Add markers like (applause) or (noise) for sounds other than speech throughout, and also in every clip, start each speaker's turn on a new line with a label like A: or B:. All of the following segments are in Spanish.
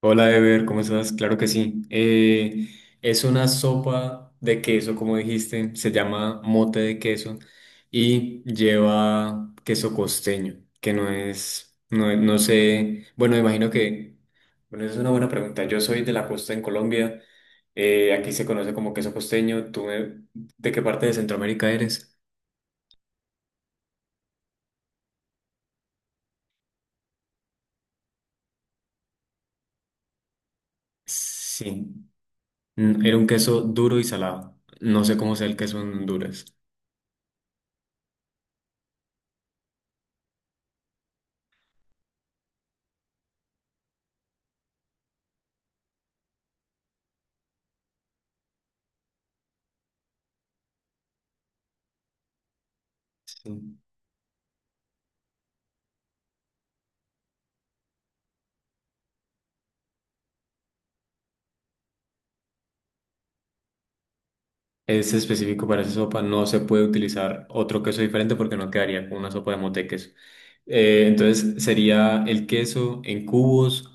A: Hola, Ever, ¿cómo estás? Claro que sí. Es una sopa de queso, como dijiste, se llama mote de queso y lleva queso costeño, que no es, no, no sé, bueno, imagino que, bueno, esa es una buena pregunta. Yo soy de la costa en Colombia, aquí se conoce como queso costeño. ¿Tú de qué parte de Centroamérica eres? Sí. Era un queso duro y salado. No sé cómo sea el queso en Honduras. Sí. Es específico para esa sopa, no se puede utilizar otro queso diferente porque no quedaría con una sopa de mote queso. Entonces sería el queso en cubos,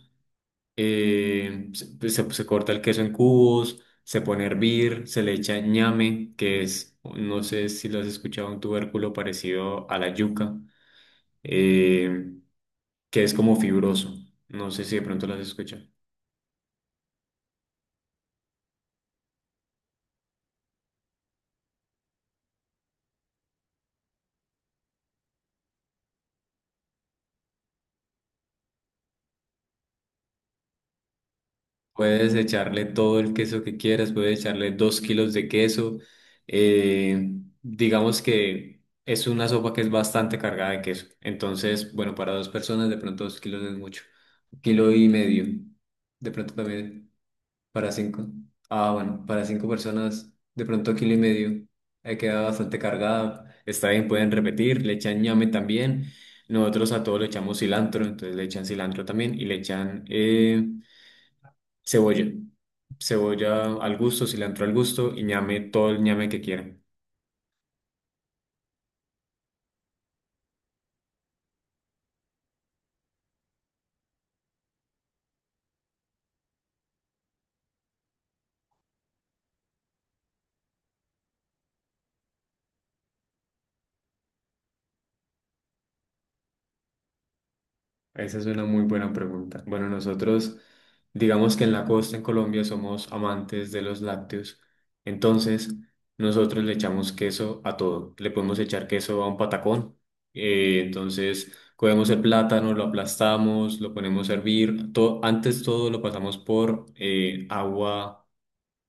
A: se corta el queso en cubos, se pone a hervir, se le echa ñame, que es, no sé si lo has escuchado, un tubérculo parecido a la yuca, eh, que es como fibroso. No sé si de pronto lo has escuchado. Puedes echarle todo el queso que quieras, puedes echarle 2 kilos de queso. eh, digamos que es una sopa que es bastante cargada de queso. Entonces, bueno, para dos personas de pronto 2 kilos no es mucho. Un kilo y medio. De pronto también para cinco. Ah, bueno, para cinco personas de pronto kilo y medio. Queda bastante cargada. Está bien, pueden repetir. Le echan ñame también. Nosotros a todo le echamos cilantro, entonces le echan cilantro también y le echan... Cebolla. Cebolla al gusto, cilantro al gusto y ñame, todo el ñame que quieran. Esa es una muy buena pregunta. Bueno, nosotros, digamos que en la costa, en Colombia, somos amantes de los lácteos. Entonces, nosotros le echamos queso a todo. Le podemos echar queso a un patacón. Entonces, cogemos el plátano, lo aplastamos, lo ponemos a hervir. Todo, antes todo lo pasamos por agua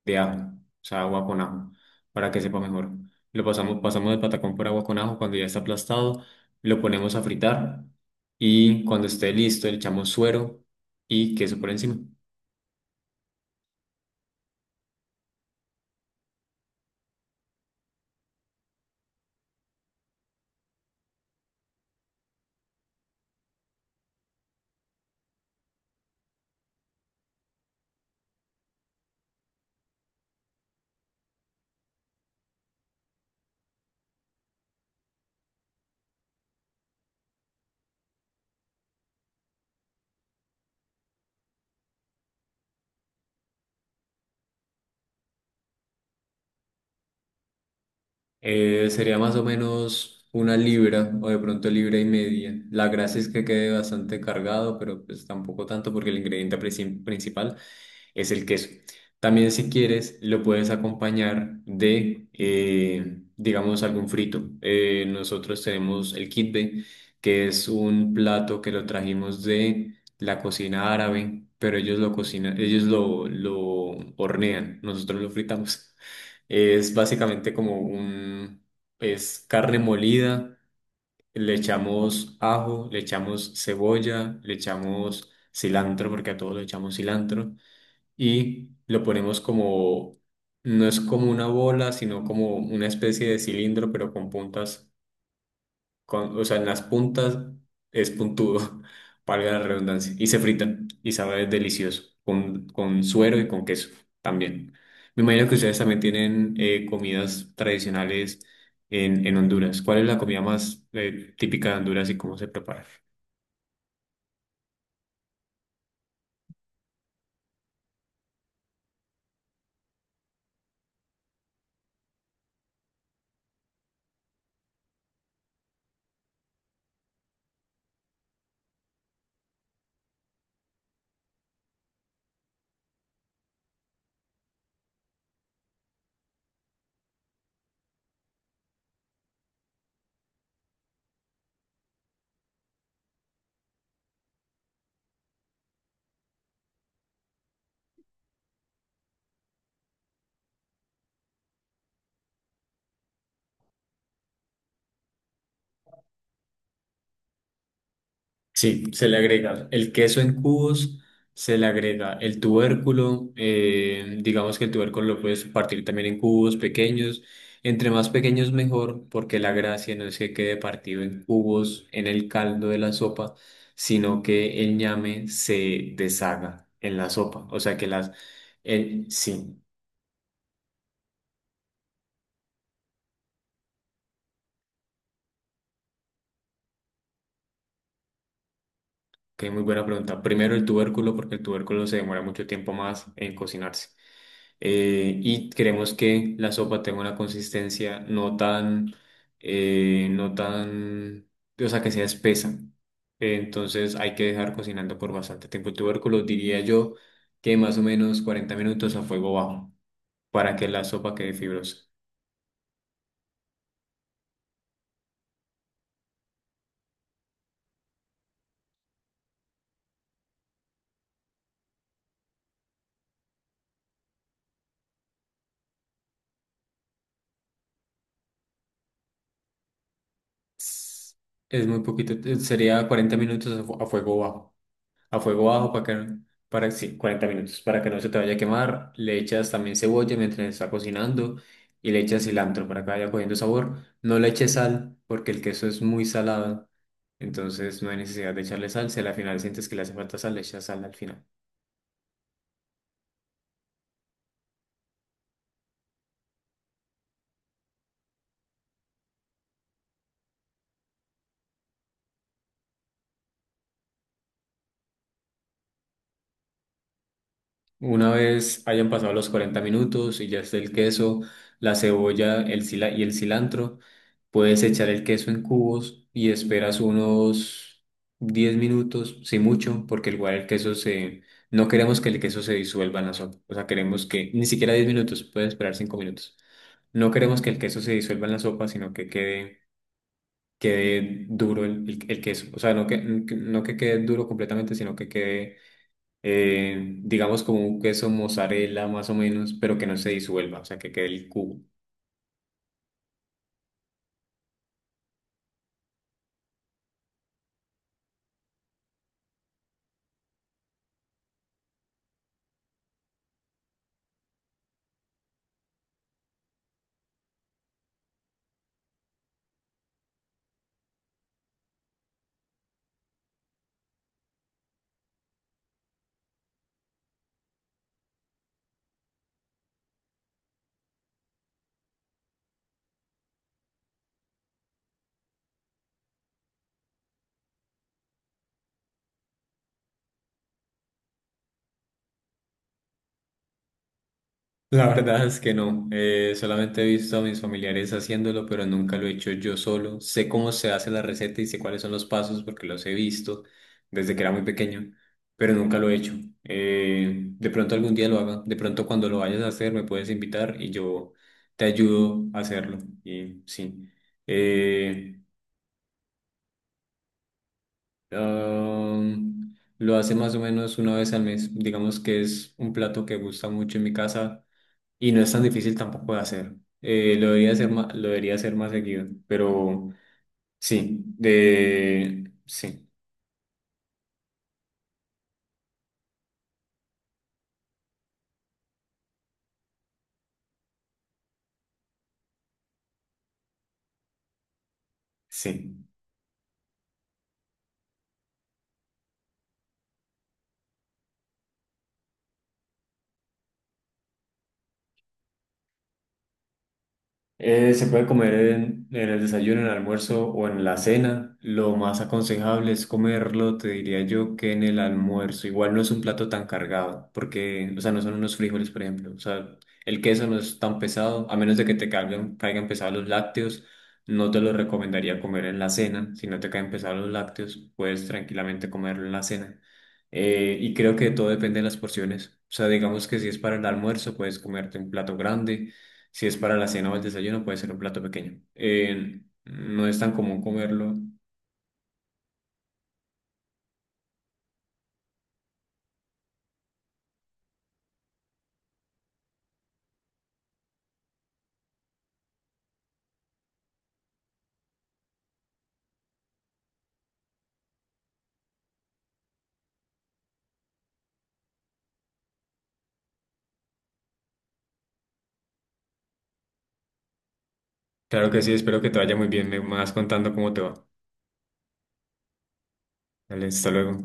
A: de ajo, o sea, agua con ajo, para que sepa mejor. Lo pasamos, pasamos el patacón por agua con ajo cuando ya está aplastado, lo ponemos a fritar y cuando esté listo le echamos suero y queso por encima. Sería más o menos 1 libra o de pronto libra y media. La gracia es que quede bastante cargado, pero pues tampoco tanto porque el ingrediente principal es el queso. También si quieres lo puedes acompañar de, digamos, algún frito. Nosotros tenemos el kitbe, que es un plato que lo trajimos de la cocina árabe, pero ellos lo cocinan, ellos lo hornean, nosotros lo fritamos. Es básicamente como un, es carne molida, le echamos ajo, le echamos cebolla, le echamos cilantro, porque a todos le echamos cilantro, y lo ponemos como, no es como una bola, sino como una especie de cilindro, pero con puntas con, o sea, en las puntas es puntudo, (laughs) valga la redundancia, y se fritan y sabe delicioso, con, suero y con queso también. Me imagino que ustedes también tienen comidas tradicionales en Honduras. ¿Cuál es la comida más típica de Honduras y cómo se prepara? Sí, se le agrega el queso en cubos, se le agrega el tubérculo, digamos que el tubérculo lo puedes partir también en cubos pequeños, entre más pequeños mejor, porque la gracia no es que quede partido en cubos en el caldo de la sopa, sino que el ñame se deshaga en la sopa, o sea que el, sí, que muy buena pregunta. Primero el tubérculo, porque el tubérculo se demora mucho tiempo más en cocinarse. Y queremos que la sopa tenga una consistencia no tan, no tan, o sea, que sea espesa. Entonces hay que dejar cocinando por bastante tiempo el tubérculo, diría yo que más o menos 40 minutos a fuego bajo para que la sopa quede fibrosa. Es muy poquito, sería 40 minutos a a fuego bajo. a fuego bajo para que, para, sí, 40 minutos para que no se te vaya a quemar. Le echas también cebolla mientras está cocinando y le echas cilantro para que vaya cogiendo sabor. No le eches sal porque el queso es muy salado, entonces no hay necesidad de echarle sal. Si al final sientes que le hace falta sal, le echas sal al final. Una vez hayan pasado los 40 minutos y ya esté el queso, la cebolla, el cilantro, puedes echar el queso en cubos y esperas unos 10 minutos, si mucho, porque igual el queso se... No queremos que el queso se disuelva en la sopa, o sea, queremos que... Ni siquiera 10 minutos, puedes esperar 5 minutos. No queremos que el queso se disuelva en la sopa, sino que quede, quede duro el queso. O sea, no que quede duro completamente, sino que quede digamos como un queso mozzarella más o menos, pero que no se disuelva, o sea, que quede el cubo. (laughs) La verdad es que no, solamente he visto a mis familiares haciéndolo, pero nunca lo he hecho yo solo. Sé cómo se hace la receta y sé cuáles son los pasos porque los he visto desde que era muy pequeño, pero nunca lo he hecho. De pronto algún día lo haga, de pronto cuando lo vayas a hacer me puedes invitar y yo te ayudo a hacerlo. Y sí. Eh, lo hace más o menos una vez al mes. Digamos que es un plato que gusta mucho en mi casa y no es tan difícil tampoco de hacer. Lo debería hacer más, lo debería hacer más seguido, pero sí, sí. Se puede comer en el desayuno, en el almuerzo o en la cena. Lo más aconsejable es comerlo, te diría yo, que en el almuerzo. Igual no es un plato tan cargado, porque, o sea, no son unos frijoles, por ejemplo. O sea, el queso no es tan pesado, a menos de que te caigan pesados los lácteos. No te lo recomendaría comer en la cena. Si no te caen pesados los lácteos, puedes tranquilamente comerlo en la cena. Y creo que todo depende de las porciones. O sea, digamos que si es para el almuerzo, puedes comerte un plato grande. Si es para la cena o el desayuno, puede ser un plato pequeño. No es tan común comerlo. Claro que sí, espero que te vaya muy bien. Me vas contando cómo te va. Dale, hasta luego.